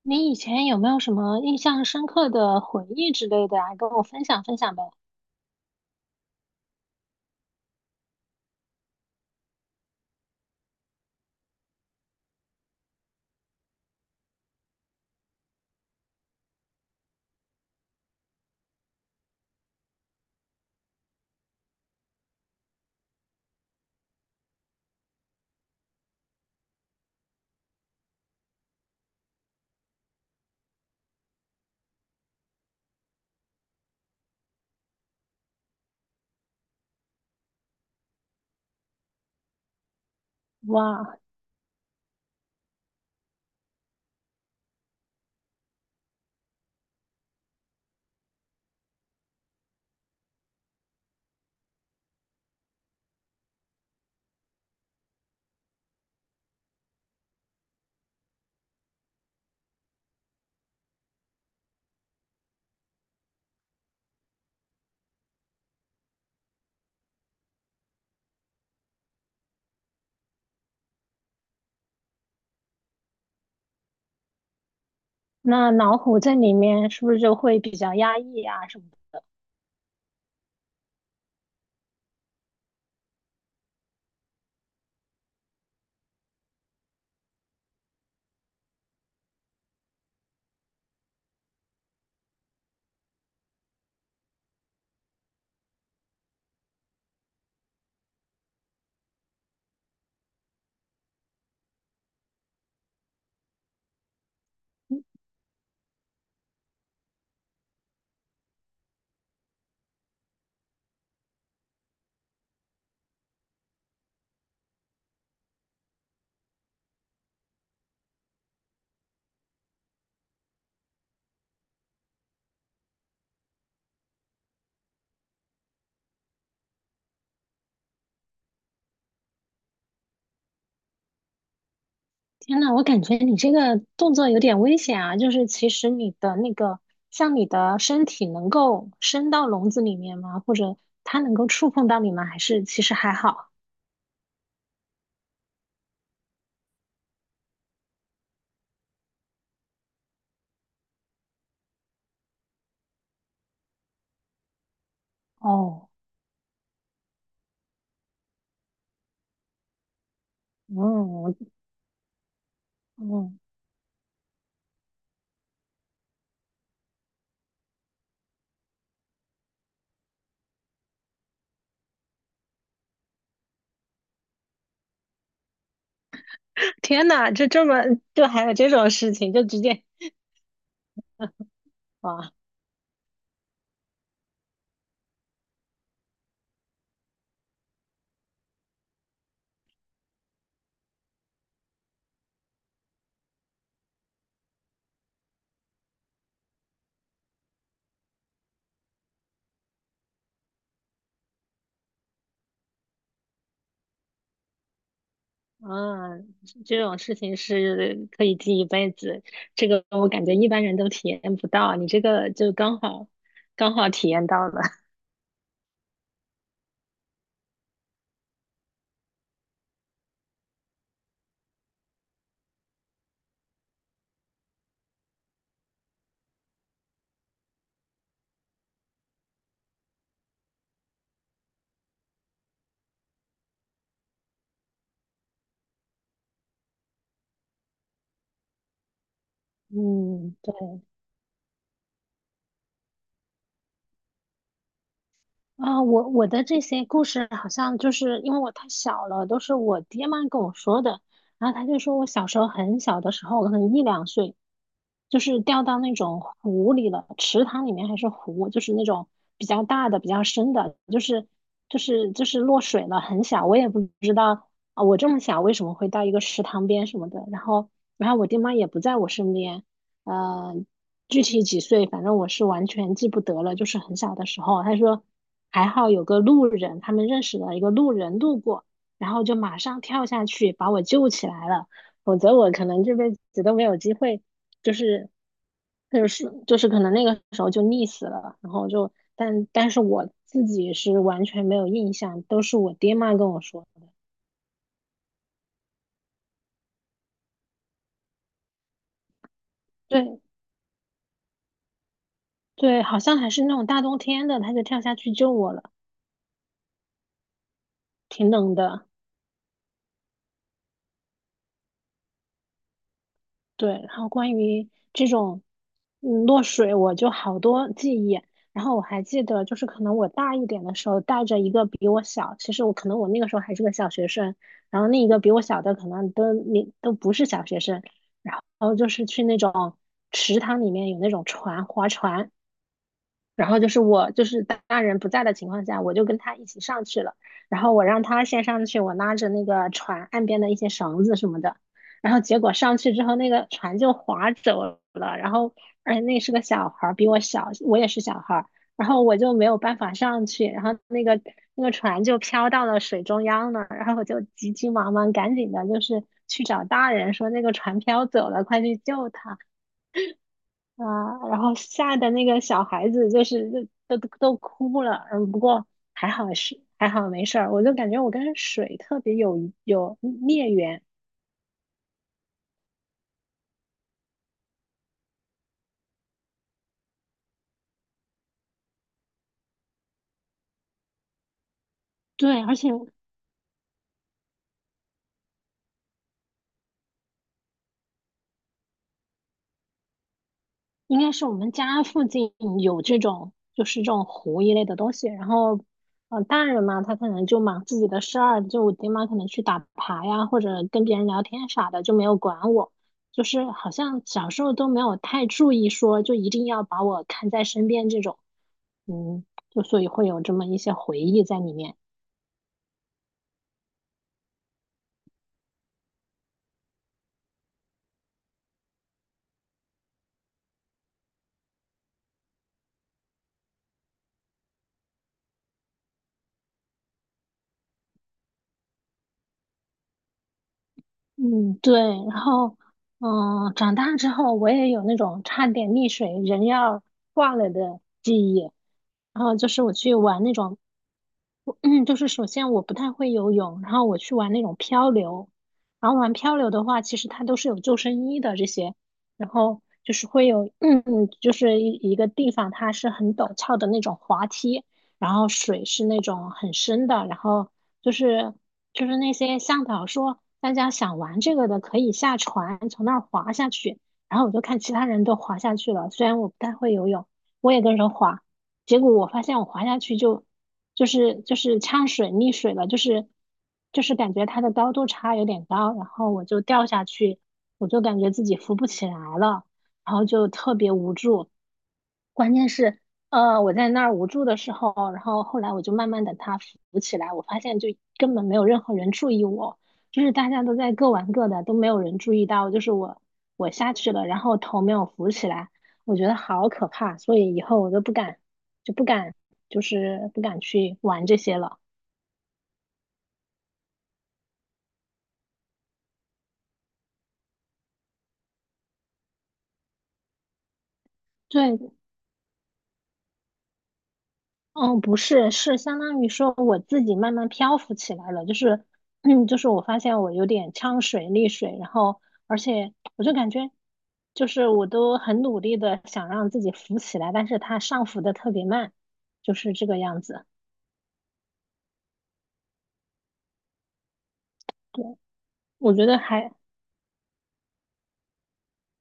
你以前有没有什么印象深刻的回忆之类的啊？跟我分享分享呗。哇，那老虎在里面是不是就会比较压抑啊什么的？天呐，我感觉你这个动作有点危险啊！就是其实你的那个，像你的身体能够伸到笼子里面吗？或者它能够触碰到你吗？还是其实还好？哦，嗯嗯，天呐，就这么就还有这种事情，就直接哇！嗯，这种事情是可以记一辈子，这个我感觉一般人都体验不到，你这个就刚好刚好体验到了。嗯，对。我的这些故事好像就是因为我太小了，都是我爹妈跟我说的。然后他就说我小时候很小的时候，可能一两岁，就是掉到那种湖里了，池塘里面还是湖，就是那种比较大的、比较深的，就是落水了，很小，我也不知道啊，我这么小为什么会到一个池塘边什么的。然后我爹妈也不在我身边，呃具体几岁，反正我是完全记不得了，就是很小的时候。他说还好有个路人，他们认识了一个路人路过，然后就马上跳下去把我救起来了，否则我可能这辈子都没有机会，就是就是可能那个时候就溺死了。然后就但是我自己是完全没有印象，都是我爹妈跟我说的。对对，好像还是那种大冬天的，他就跳下去救我了，挺冷的。对，然后关于这种嗯落水，我就好多记忆。然后我还记得，就是可能我大一点的时候，带着一个比我小，其实我可能那个时候还是个小学生，然后另一个比我小的可能都你都不是小学生，然后就是去那种池塘里面有那种船划船，然后就是我就是大人不在的情况下，我就跟他一起上去了。然后我让他先上去，我拉着那个船岸边的一些绳子什么的。然后结果上去之后，那个船就划走了。然后而且那是个小孩儿，比我小，我也是小孩儿。然后我就没有办法上去，然后那个船就飘到了水中央了。然后我就急急忙忙赶紧的，就是去找大人说那个船飘走了，快去救他。啊，然后吓得那个小孩子就是都哭了，嗯，不过还好是还好没事儿，我就感觉我跟水特别有孽缘，对，而且应该是我们家附近有这种就是这种湖一类的东西，然后呃大人嘛，他可能就忙自己的事儿，就我爹妈可能去打牌呀，或者跟别人聊天啥的，就没有管我。就是好像小时候都没有太注意说，就一定要把我看在身边这种。嗯，就所以会有这么一些回忆在里面。嗯，对。然后，嗯，长大之后我也有那种差点溺水人要挂了的记忆。然后就是我去玩那种我嗯，就是首先我不太会游泳，然后我去玩那种漂流，然后玩漂流的话，其实它都是有救生衣的这些，然后就是会有，嗯，就是一个地方它是很陡峭的那种滑梯，然后水是那种很深的，然后就是那些向导说大家想玩这个的可以下船从那儿滑下去，然后我就看其他人都滑下去了，虽然我不太会游泳，我也跟着滑。结果我发现我滑下去就就是呛水溺水了，就是感觉它的高度差有点高，然后我就掉下去，我就感觉自己浮不起来了，然后就特别无助，关键是，我在那儿无助的时候，然后后来我就慢慢的他扶起来，我发现就根本没有任何人注意我，就是大家都在各玩各的，都没有人注意到，就是我下去了，然后头没有扶起来，我觉得好可怕，所以以后我都不敢，就不敢，就是不敢去玩这些了。对，哦，不是，是相当于说我自己慢慢漂浮起来了，就是，嗯，就是我发现我有点呛水、溺水，然后而且我就感觉，就是我都很努力的想让自己浮起来，但是它上浮的特别慢，就是这个样子。对，我觉得还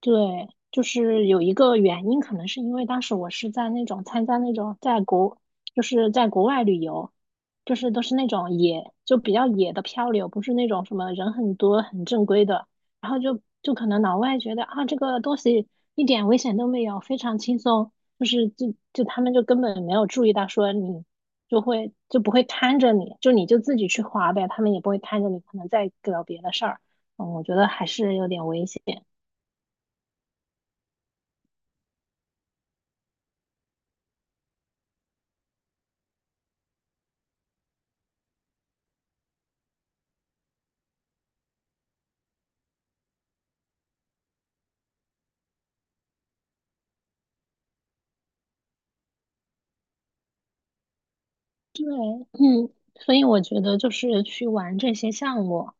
对，就是有一个原因，可能是因为当时我是在那种参加那种在国，就是在国外旅游，就是都是那种野，就比较野的漂流，不是那种什么人很多很正规的，然后就可能老外觉得啊这个东西一点危险都没有，非常轻松，就是他们就根本没有注意到说你就会就不会看着你，就你就自己去滑呗，他们也不会看着你，可能在搞别的事儿，嗯，我觉得还是有点危险。对，嗯，所以我觉得就是去玩这些项目，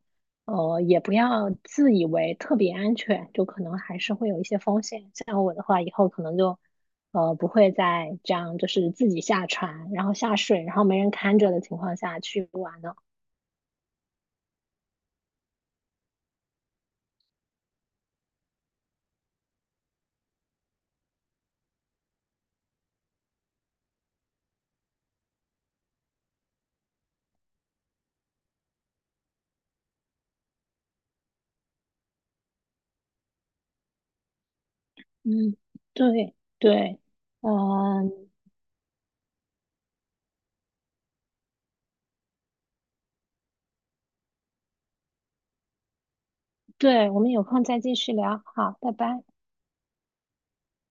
呃，也不要自以为特别安全，就可能还是会有一些风险。像我的话，以后可能就，呃，不会再这样，就是自己下船，然后下水，然后没人看着的情况下去玩了。嗯，对对，嗯、对，我们有空再继续聊，好，拜拜。